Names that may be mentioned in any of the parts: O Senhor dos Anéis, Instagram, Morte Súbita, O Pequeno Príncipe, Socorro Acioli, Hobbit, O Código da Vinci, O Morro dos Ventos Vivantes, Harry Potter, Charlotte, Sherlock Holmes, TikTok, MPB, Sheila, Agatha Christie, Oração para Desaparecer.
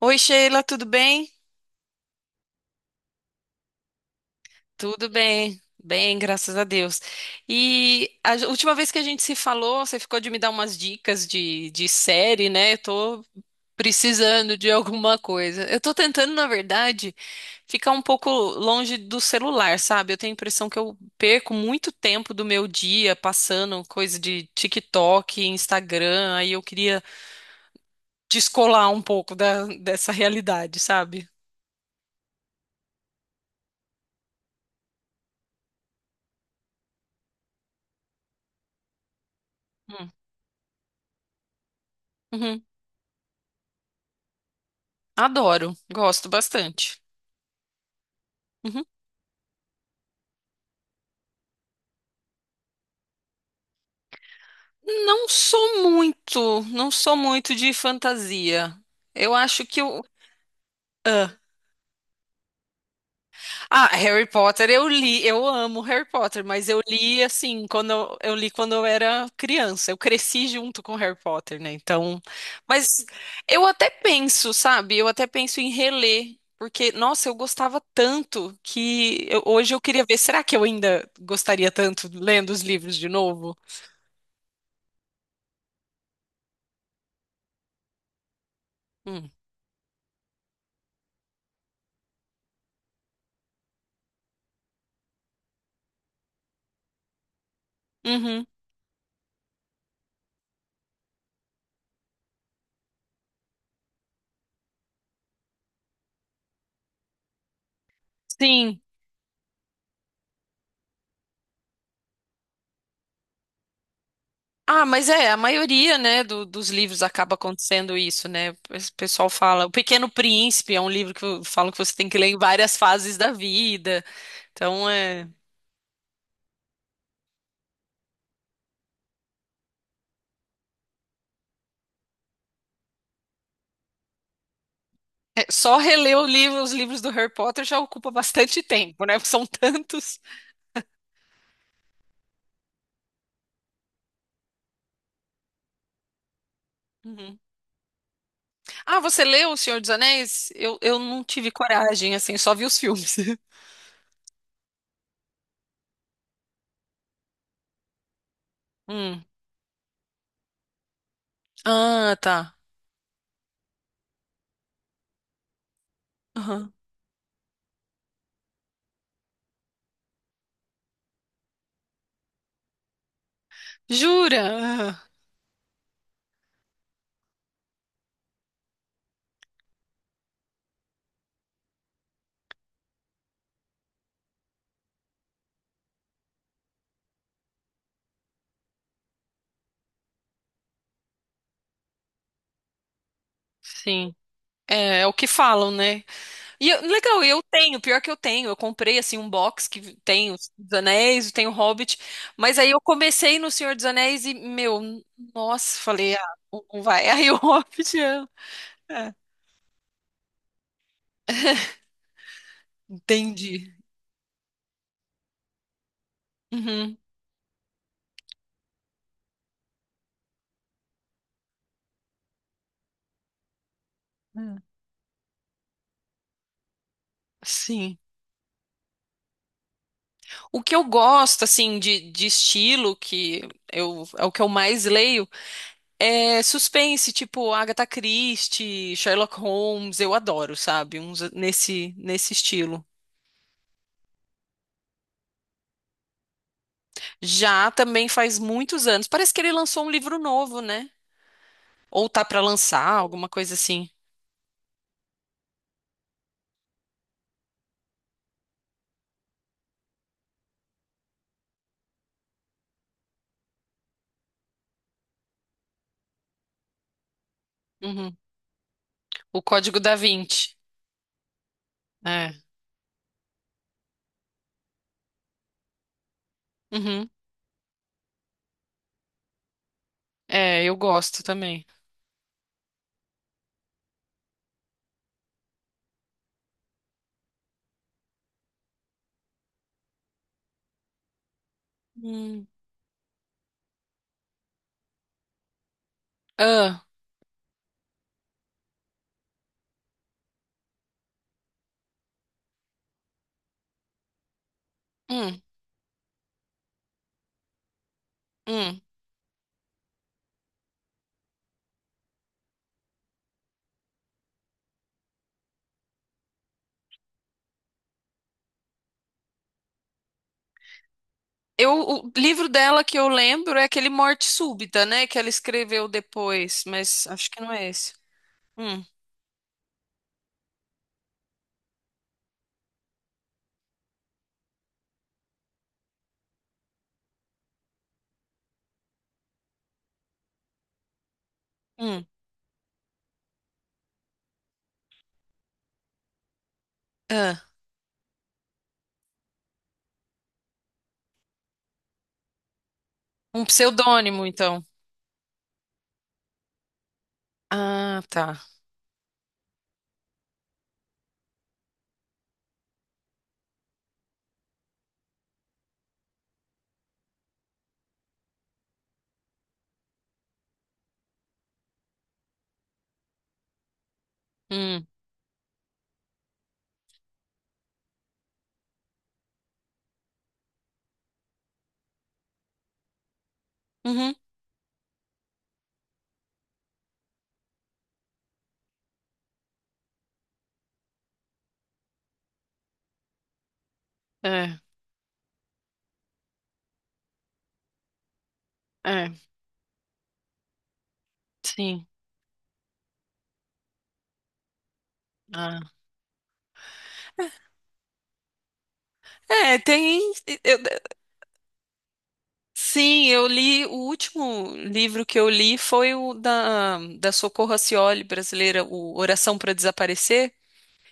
Oi, Sheila, tudo bem? Tudo bem, bem, graças a Deus. E a última vez que a gente se falou, você ficou de me dar umas dicas de série, né? Eu tô precisando de alguma coisa. Eu tô tentando, na verdade, ficar um pouco longe do celular, sabe? Eu tenho a impressão que eu perco muito tempo do meu dia passando coisa de TikTok, Instagram, aí eu queria descolar um pouco dessa realidade, sabe? Hum. Uhum. Adoro, gosto bastante. Uhum. Não sou muito, não sou muito de fantasia. Eu acho que eu. Ah, Ah, Harry Potter eu li, eu amo Harry Potter, mas eu li assim, eu li quando eu era criança. Eu cresci junto com Harry Potter, né? Então, mas eu até penso, sabe? Eu até penso em reler, porque nossa, eu gostava tanto que hoje eu queria ver, será que eu ainda gostaria tanto lendo os livros de novo? Hum. Uhum. Sim. Ah, mas é, a maioria, né, dos livros acaba acontecendo isso, né? O pessoal fala, O Pequeno Príncipe é um livro que falam que você tem que ler em várias fases da vida. Então, é, é, só reler o livro, os livros do Harry Potter já ocupa bastante tempo, né? Porque são tantos. Uhum. Ah, você leu O Senhor dos Anéis? Eu não tive coragem, assim, só vi os filmes. Hum. Ah, tá. Aham. Jura? Ah, Sim. É, é o que falam, né? E legal, eu tenho, pior que eu tenho. Eu comprei assim um box que tem os dos Anéis, tem o Hobbit, mas aí eu comecei no Senhor dos Anéis e, meu, nossa, falei, ah, não vai. Aí o Hobbit, é, entendi. Uhum. É. Sim. O que eu gosto, assim, de estilo, que eu, é o que eu mais leio, é suspense, tipo Agatha Christie, Sherlock Holmes, eu adoro, sabe? Uns nesse estilo. Já também faz muitos anos. Parece que ele lançou um livro novo, né? Ou tá pra lançar, alguma coisa assim. Uhum. O Código da Vinci. É. Uhum. É, eu gosto também. Hum. Ah, hum, hum. Eu, o livro dela que eu lembro é aquele Morte Súbita, né? Que ela escreveu depois, mas acho que não é esse. Hum, hum. Ah, um pseudônimo, então. Ah, tá. Hum. Uhum. É, é, sim. Ah. É, tem. Eu, Sim, eu li. O último livro que eu li foi o da Socorro Acioli brasileira, o Oração para Desaparecer.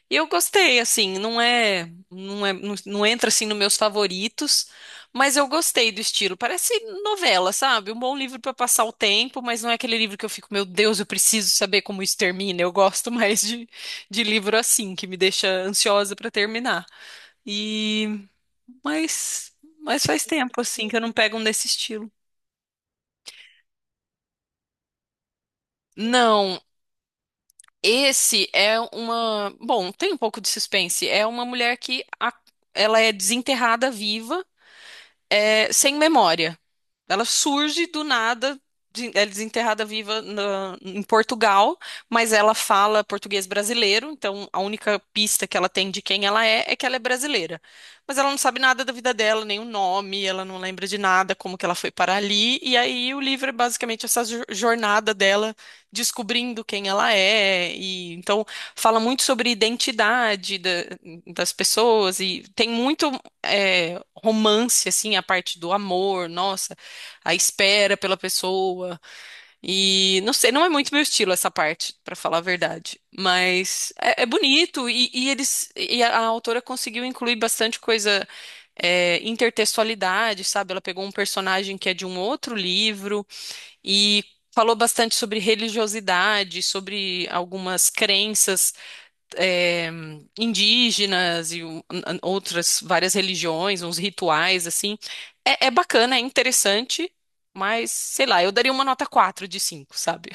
E eu gostei, assim, não entra assim nos meus favoritos, mas eu gostei do estilo. Parece novela, sabe? Um bom livro para passar o tempo, mas não é aquele livro que eu fico, meu Deus, eu preciso saber como isso termina. Eu gosto mais de livro assim, que me deixa ansiosa para terminar. E mas mas faz tempo assim que eu não pego um desse estilo. Não, esse é uma. Bom, tem um pouco de suspense. É uma mulher ela é desenterrada viva é, sem memória. Ela surge do nada, ela é desenterrada viva em Portugal, mas ela fala português brasileiro, então a única pista que ela tem de quem ela é é que ela é brasileira. Mas ela não sabe nada da vida dela, nem o nome, ela não lembra de nada, como que ela foi para ali, e aí o livro é basicamente essa jornada dela descobrindo quem ela é, e então fala muito sobre identidade das pessoas, e tem muito é, romance, assim, a parte do amor, nossa, a espera pela pessoa. E não sei, não é muito meu estilo essa parte, pra falar a verdade. Mas é, é bonito a autora conseguiu incluir bastante coisa. É, intertextualidade, sabe? Ela pegou um personagem que é de um outro livro e falou bastante sobre religiosidade, sobre algumas crenças eh, indígenas e outras várias religiões, uns rituais assim. É, é bacana, é interessante, mas sei lá, eu daria uma nota 4 de 5, sabe?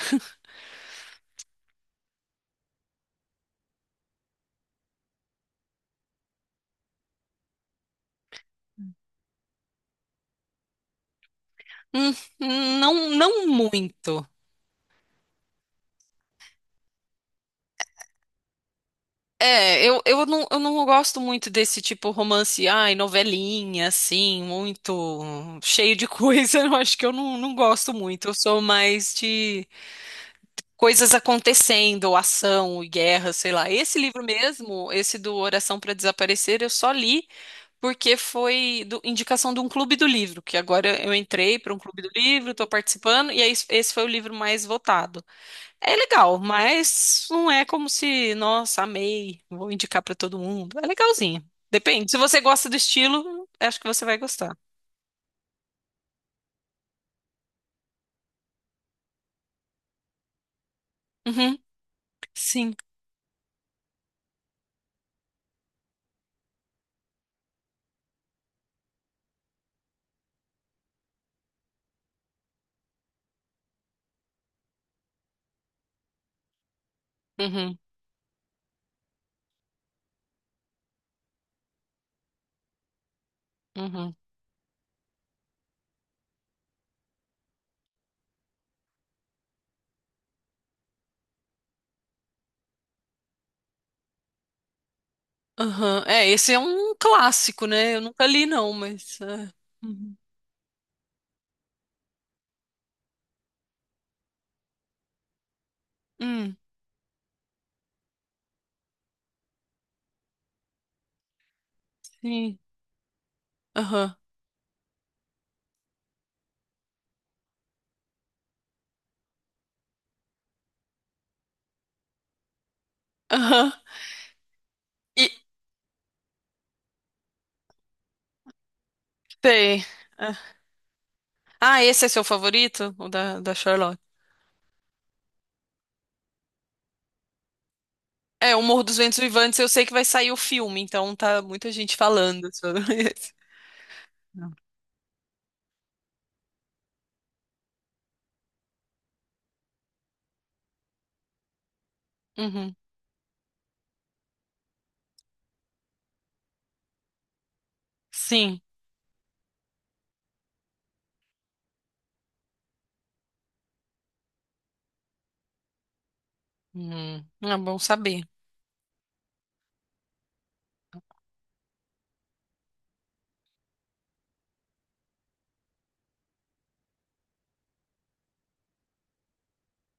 Hum, Não, não muito. É, eu, eu não gosto muito desse tipo romance, ai, novelinha, assim, muito cheio de coisa. Eu acho que eu não, não gosto muito. Eu sou mais de coisas acontecendo, ou ação, e guerra, sei lá. Esse livro mesmo, esse do Oração para Desaparecer, eu só li porque foi indicação de um clube do livro, que agora eu entrei para um clube do livro, estou participando, e aí esse foi o livro mais votado. É legal, mas não é como se, nossa, amei, vou indicar para todo mundo. É legalzinho. Depende. Se você gosta do estilo, acho que você vai gostar. Uhum, sim. Uhum, uhum. Aham. É, esse é um clássico, né? Eu nunca li, não, mas. É. Uhum. Hum, sim. Aham. Aham. E sei. É. Ah, esse é seu favorito? O da, da Charlotte? É, O Morro dos Ventos Vivantes, eu sei que vai sair o filme, então tá muita gente falando sobre esse. Não. Uhum. Sim. É bom saber.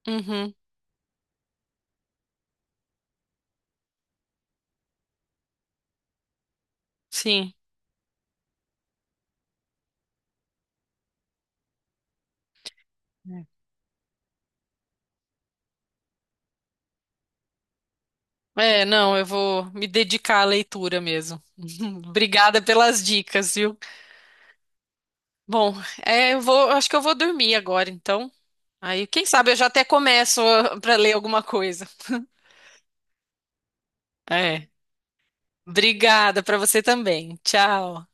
Uhum. Sim. É, É, não, eu vou me dedicar à leitura mesmo. Obrigada pelas dicas, viu? Bom, é, eu vou, acho que eu vou dormir agora, então. Aí, quem sabe eu já até começo para ler alguma coisa. É. Obrigada para você também. Tchau.